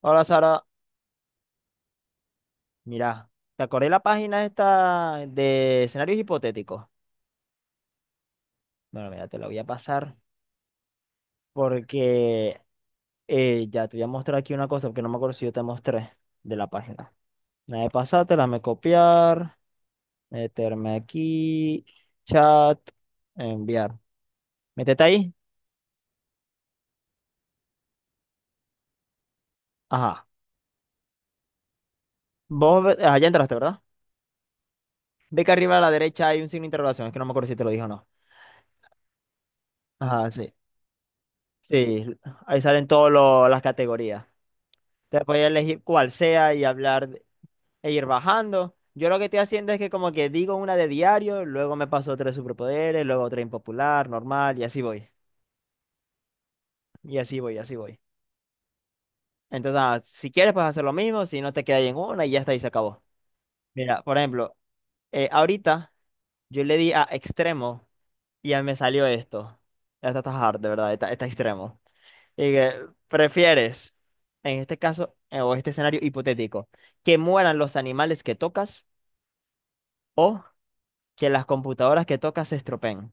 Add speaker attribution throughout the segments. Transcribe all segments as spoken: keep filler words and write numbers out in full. Speaker 1: Hola Sara, mira, ¿te acordé la página esta de escenarios hipotéticos? Bueno, mira, te la voy a pasar porque eh, ya te voy a mostrar aquí una cosa porque no me acuerdo si yo te mostré de la página. Nada de pasártela, me copiar, meterme aquí, chat, enviar. Métete ahí. Ajá. Vos, ve- ah, ya entraste, ¿verdad? Ve que arriba a la derecha hay un signo de interrogación, es que no me acuerdo si te lo dije o no. Ajá, sí. Sí, ahí salen todas las categorías. Te puedes elegir cuál sea y hablar e ir bajando. Yo lo que estoy haciendo es que como que digo una de diario, luego me paso otra de superpoderes, luego otra impopular, normal, y así voy. Y así voy, y así voy. Entonces, ah, si quieres, puedes hacer lo mismo, si no te quedas ahí en una y ya está, y se acabó. Mira, por ejemplo, eh, ahorita yo le di a extremo y ya me salió esto. Esta está hard, de verdad, está, está extremo. Y que, ¿prefieres, en este caso, eh, o este escenario hipotético, que mueran los animales que tocas o que las computadoras que tocas se estropeen?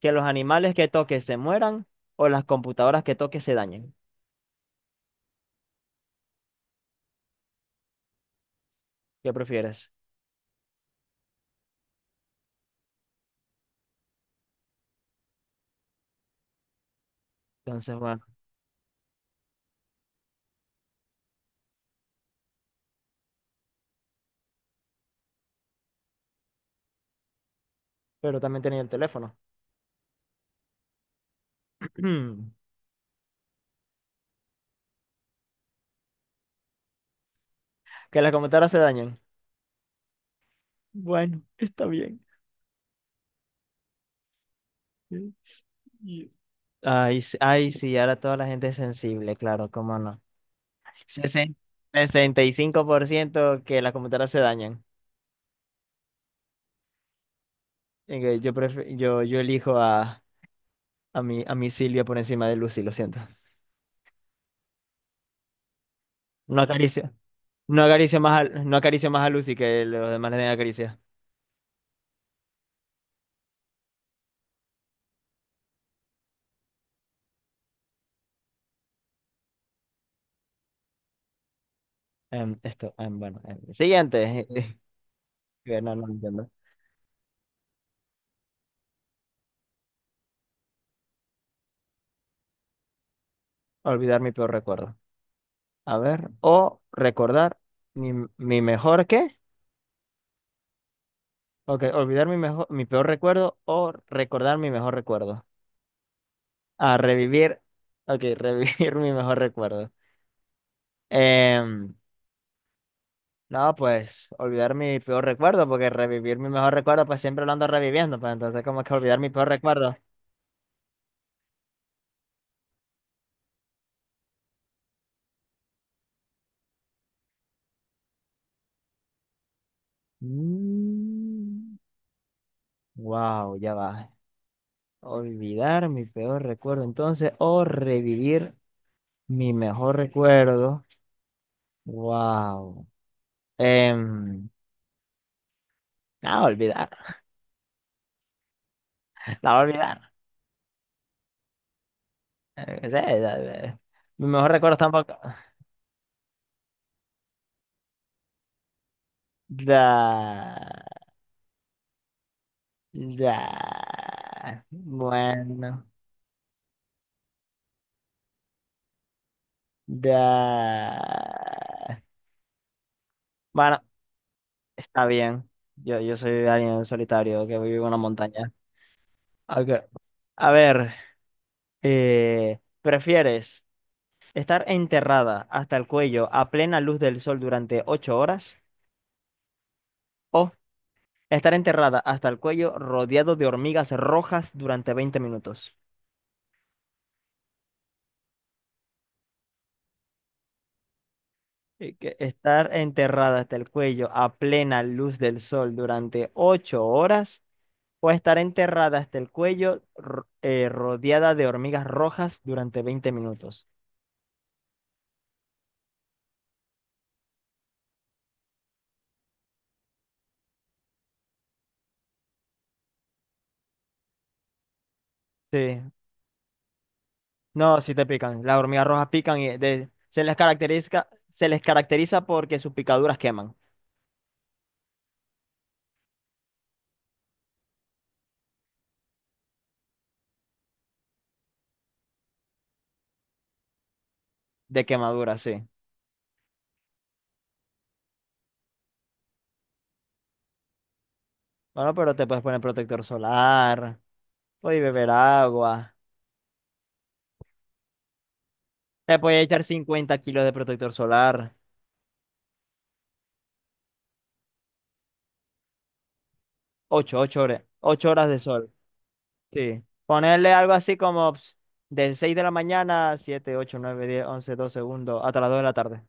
Speaker 1: ¿Que los animales que toques se mueran o las computadoras que toques se dañen? ¿Qué prefieres? Entonces, bueno, pero también tenía el teléfono. ¿Que las computadoras se dañen? Bueno, está bien. Sí. Y- Ay, sí- ay, sí, ahora toda la gente es sensible, claro, cómo no. Sesen- sesenta y cinco por ciento que las computadoras se dañan. Y que Yo, prefi- yo, yo elijo a, a mi, a mi Silvia por encima de Lucy, lo siento. No acaricio, no acaricio más a, no acaricio más a Lucy que los demás le den acaricia. Em, esto, em, bueno, em, siguiente. Que No, no entiendo. Olvidar mi peor recuerdo. A ver, o recordar mi, mi mejor qué. Ok, olvidar mi mejor, mi peor recuerdo o recordar mi mejor recuerdo. A revivir. Ok, revivir mi mejor recuerdo. Em, no, pues olvidar mi peor recuerdo, porque revivir mi mejor recuerdo, pues siempre lo ando reviviendo, pues entonces como que olvidar mi peor recuerdo. Mm, wow, ya va. Olvidar mi peor recuerdo, entonces, o revivir mi mejor recuerdo. Wow. Em, no, olvidar, la voy a olvidar. Eh, qué sé, la- la- mi mejor recuerdo tampoco. Da, da. Bueno, da. Bueno, está bien. Yo, yo soy alguien solitario que vive en una montaña. Ok, a ver, eh, ¿prefieres? Estar enterrada hasta el cuello a plena luz del sol durante ocho horas. O estar enterrada hasta el cuello rodeado de hormigas rojas durante veinte minutos. Y que estar enterrada hasta el cuello a plena luz del sol durante ocho horas. O estar enterrada hasta el cuello ro- eh, rodeada de hormigas rojas durante veinte minutos. Sí. No, sí te pican. Las hormigas rojas pican y de- se les caracteriza, se les caracteriza porque sus picaduras queman. De quemadura, sí. Bueno, pero te puedes poner protector solar, puedes beber agua, te puedes echar cincuenta kilos de protector solar, ocho ocho horas, ocho horas de sol. Sí. Ponerle algo así como ps, de seis de la mañana, siete, ocho, nueve, diez, once, doce, segundos hasta las dos de la tarde.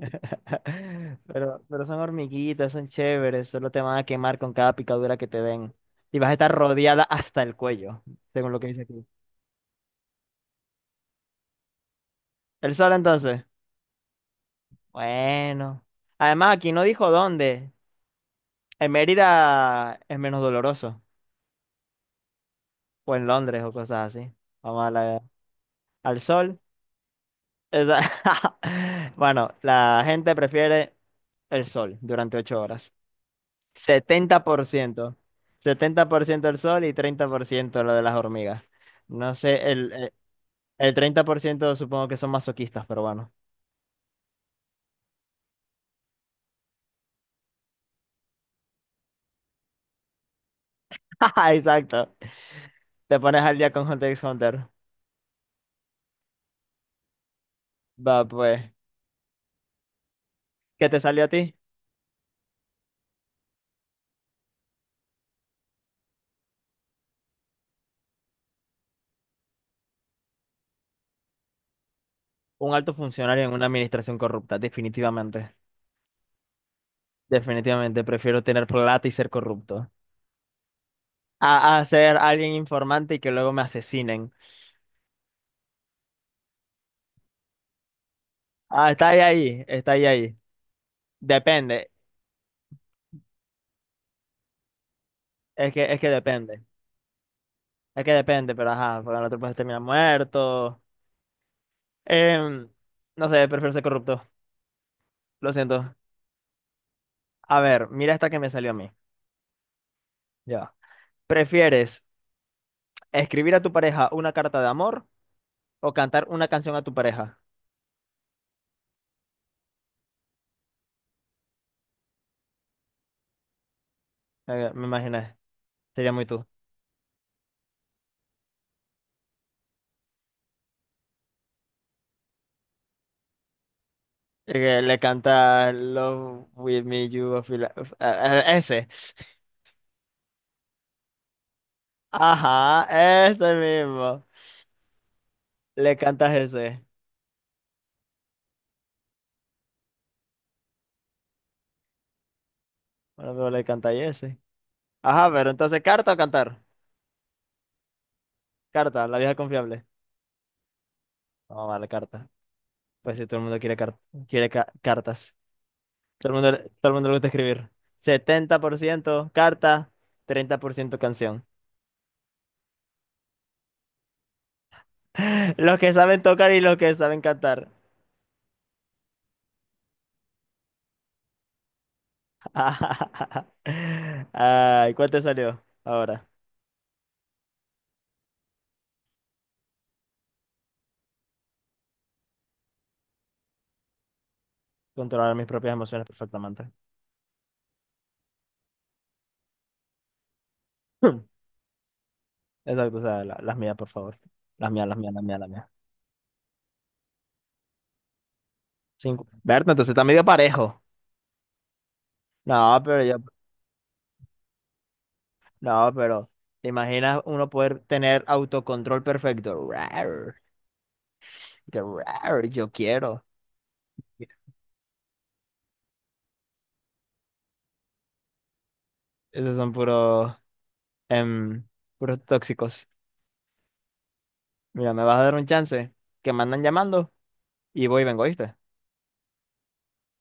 Speaker 1: Pero, pero son hormiguitas, son chéveres, solo te van a quemar con cada picadura que te den. Y vas a estar rodeada hasta el cuello, según lo que dice aquí. El sol entonces. Bueno. Además, aquí no dijo dónde. En Mérida es menos doloroso, o en Londres o cosas así. Vamos a la- al sol. Esa- Bueno, la gente prefiere el sol durante ocho horas. Setenta setenta por ciento, setenta por ciento el sol y treinta por ciento lo de las hormigas. No sé, el, el el treinta por ciento supongo que son masoquistas, pero bueno. Exacto. Te pones al día con Hunter x Hunter. Va, pues. ¿Qué te salió a ti? Un alto funcionario en una administración corrupta, definitivamente. Definitivamente prefiero tener plata y ser corrupto. A, a ser alguien informante y que luego me asesinen. Ah, está ahí, ahí, está ahí, ahí. Depende, es que, es que depende. Es que depende, pero ajá, porque no te puedes terminar muerto. Em, no sé, prefiero ser corrupto. Lo siento. A ver, mira esta que me salió a mí. Ya, va. ¿Prefieres escribir a tu pareja una carta de amor o cantar una canción a tu pareja? Eh, me imaginé, sería muy tú. Y que le canta Love with me, you, I feel- like- eh, eh, ese. Ajá, ese mismo. Le cantas ese. Bueno, pero le canta ese. Ajá, pero entonces, ¿carta o cantar? Carta, la vieja confiable. Vamos a darle carta. Pues si todo el mundo quiere, car- quiere ca- cartas. Todo el mundo, le- todo el mundo le gusta escribir. Setenta por ciento carta, treinta por ciento canción. Los que saben tocar y los que saben cantar. Ay, ¿cuál te salió? Ahora, controlar mis propias emociones perfectamente. Exacto, o sea, la- las mías, por favor. Las mías, las mías, las mías, las mías. Cinco. Berta, entonces está medio parejo. No, pero yo, no, pero ¿te imaginas uno poder tener autocontrol perfecto? Rar, que rar, yo quiero. Esos son puros, em, puros tóxicos. Mira, me vas a dar un chance, que me andan llamando y voy y vengo, ¿oíste?